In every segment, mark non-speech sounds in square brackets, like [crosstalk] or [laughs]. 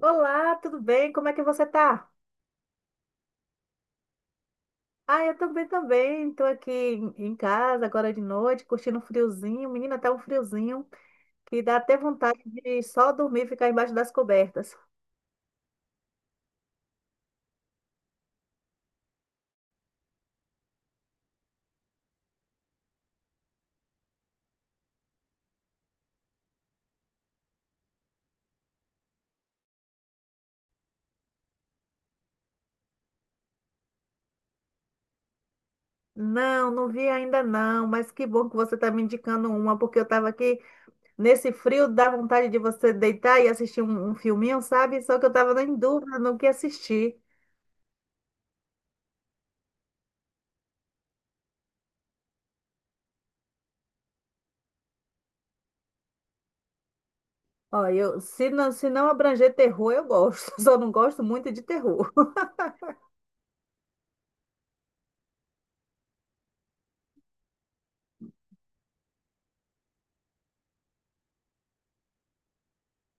Olá, tudo bem? Como é que você tá? Ah, eu também, também. Estou aqui em casa agora de noite, curtindo um friozinho. Menina, tá um friozinho que dá até vontade de só dormir e ficar embaixo das cobertas. Não, não vi ainda não, mas que bom que você está me indicando uma, porque eu estava aqui nesse frio, dá vontade de você deitar e assistir um filminho, sabe? Só que eu estava em dúvida no que assistir. Ó, eu, se não abranger terror, eu gosto. [laughs] Só não gosto muito de terror.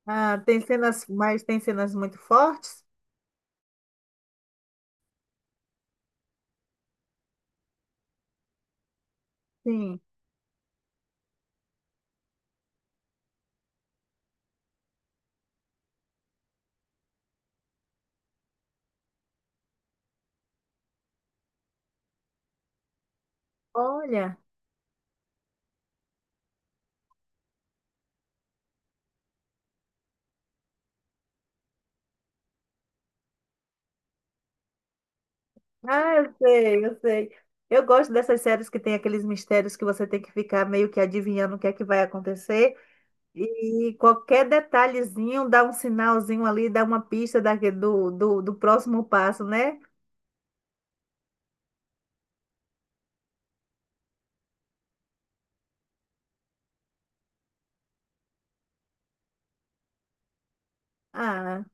Ah, tem cenas, mas tem cenas muito fortes? Sim. Olha, ah, eu sei, eu sei. Eu gosto dessas séries que tem aqueles mistérios que você tem que ficar meio que adivinhando o que é que vai acontecer. E qualquer detalhezinho dá um sinalzinho ali, dá uma pista do próximo passo, né? Ah,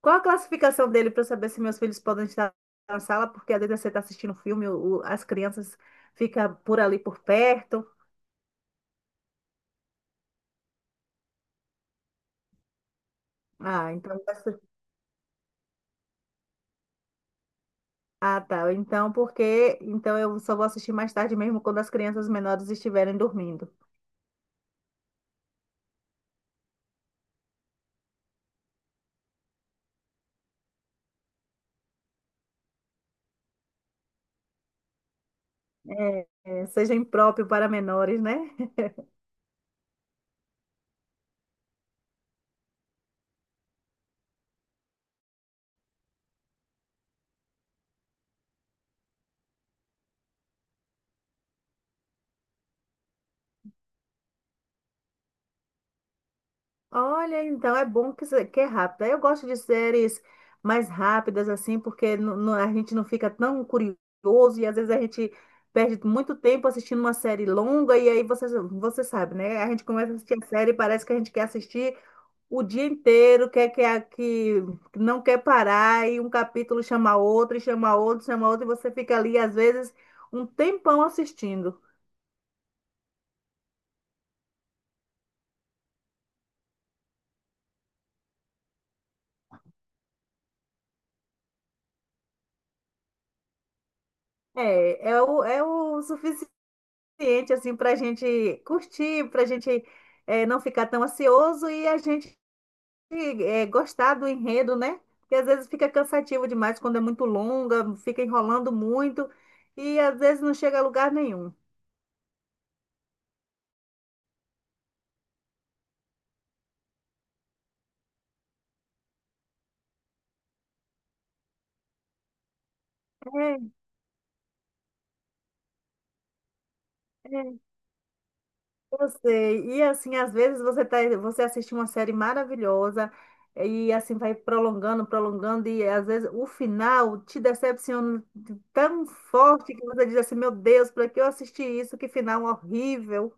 qual a classificação dele para eu saber se meus filhos podem estar na sala? Porque às vezes você está assistindo filme, as crianças ficam por ali por perto. Ah, então. Ah, tá. Então, porque então eu só vou assistir mais tarde mesmo quando as crianças menores estiverem dormindo. É, é, seja impróprio para menores, né? Olha, então é bom que, que é rápida. Eu gosto de séries mais rápidas assim, porque a gente não fica tão curioso e às vezes a gente perde muito tempo assistindo uma série longa e aí você, você sabe, né? A gente começa a assistir a série e parece que a gente quer assistir o dia inteiro, quer que, a- que não quer parar, e um capítulo chama outro, e você fica ali, às vezes, um tempão assistindo. É o suficiente, assim, para a gente curtir, para a gente é, não ficar tão ansioso e a gente é, gostar do enredo, né? Porque às vezes fica cansativo demais quando é muito longa, fica enrolando muito e às vezes não chega a lugar nenhum. É, eu sei. E assim, às vezes você tá, você assiste uma série maravilhosa e assim vai prolongando, prolongando e às vezes o final te decepciona tão forte que você diz assim, meu Deus, para que eu assisti isso? Que final horrível.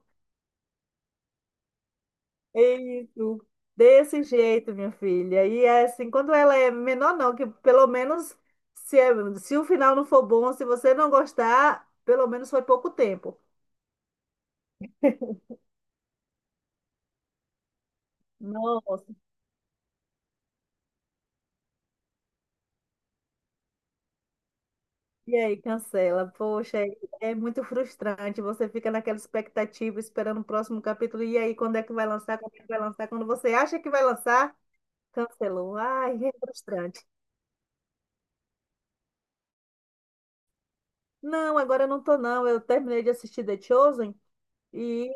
É isso. Desse jeito, minha filha. E é assim, quando ela é menor, não, que pelo menos se, se o final não for bom, se você não gostar, pelo menos foi pouco tempo. Nossa. E aí, cancela. Poxa, é muito frustrante. Você fica naquela expectativa, esperando o próximo capítulo. E aí, quando é que vai lançar? Quando é que vai lançar? Quando você acha que vai lançar, cancelou. Ai, é frustrante. Não, agora eu não tô, não. Eu terminei de assistir The Chosen e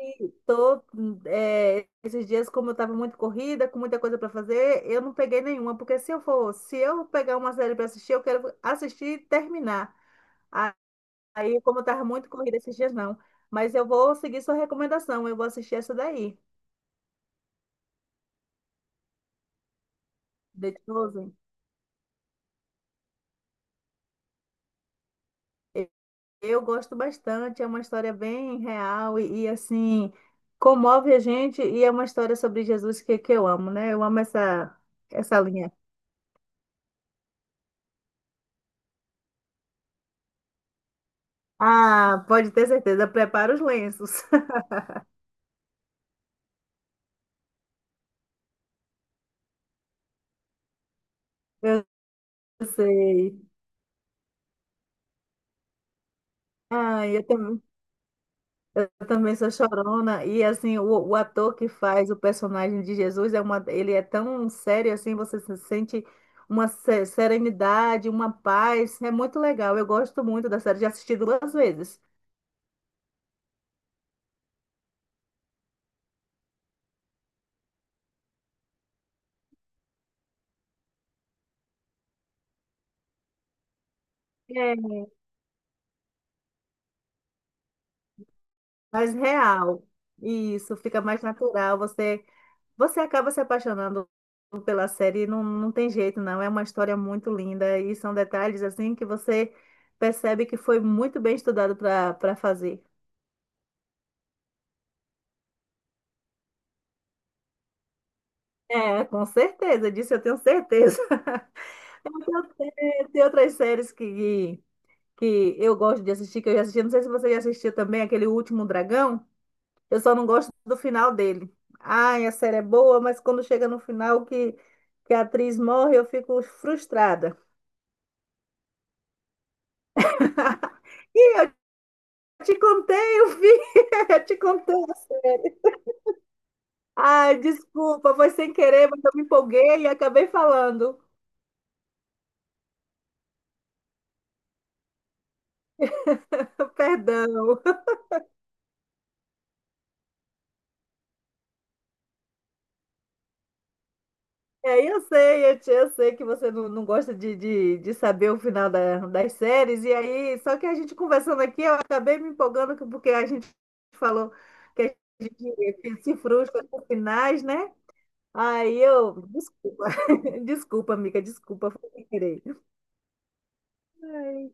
tô, é, esses dias, como eu tava muito corrida, com muita coisa para fazer, eu não peguei nenhuma. Porque se eu pegar uma série para assistir, eu quero assistir e terminar. Aí, como eu tava muito corrida esses dias, não. Mas eu vou seguir sua recomendação, eu vou assistir essa daí, The Chosen. Eu eu gosto bastante, é uma história bem real e, assim, comove a gente e é uma história sobre Jesus que eu amo, né? Eu amo essa, essa linha. Ah, pode ter certeza, prepara os lenços. [laughs] Eu sei. Ah, eu também. Eu também sou chorona e assim o ator que faz o personagem de Jesus é uma ele é tão sério assim você se sente uma serenidade uma paz é muito legal eu gosto muito da série já assisti duas vezes é mais real isso fica mais natural você você acaba se apaixonando pela série não, não tem jeito não é uma história muito linda e são detalhes assim que você percebe que foi muito bem estudado para fazer. É, com certeza, disso eu tenho certeza. [laughs] Eu tenho- Tem tem outras séries que eu gosto de assistir, que eu já assisti. Não sei se você já assistiu também aquele Último Dragão. Eu só não gosto do final dele. Ai, a série é boa, mas quando chega no final que a atriz morre, eu fico frustrada. [laughs] E eu te contei o fim, [laughs] eu te contei a série. Ai, desculpa, foi sem querer, mas eu me empolguei e acabei falando. [laughs] Perdão. É, eu sei, eu, eu sei que você não, não gosta de saber o final das séries, e aí, só que a gente conversando aqui, eu acabei me empolgando porque a gente falou que a gente se frustra com finais, né? Aí eu, desculpa, [laughs] desculpa, amiga, desculpa, foi sem querer. Ai.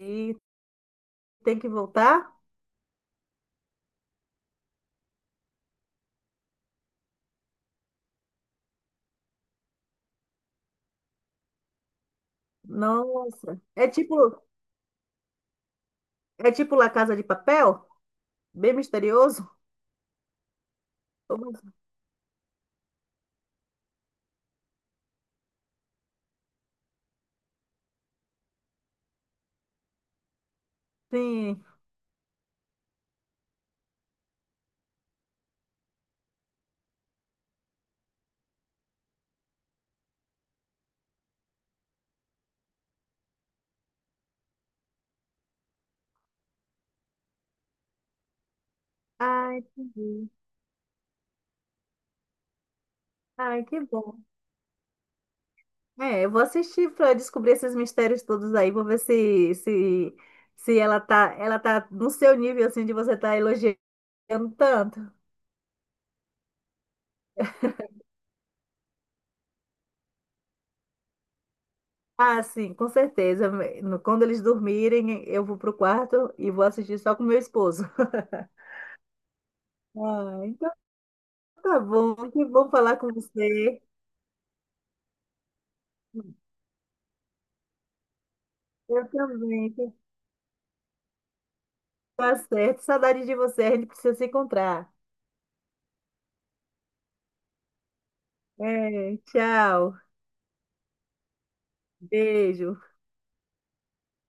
E tem que voltar? Nossa, é tipo La Casa de Papel? Bem misterioso? Como assim? Ai, entendi. Ai, que bom. É, eu vou assistir para descobrir esses mistérios todos aí, vou ver se ela tá, ela tá no seu nível assim de você tá elogiando tanto. Ah, sim, com certeza. Quando eles dormirem, eu vou pro quarto e vou assistir só com meu esposo. Ah, então tá bom, que bom falar com você. Eu também, tá certo. Saudade de você, a gente precisa se encontrar. É, tchau, beijo.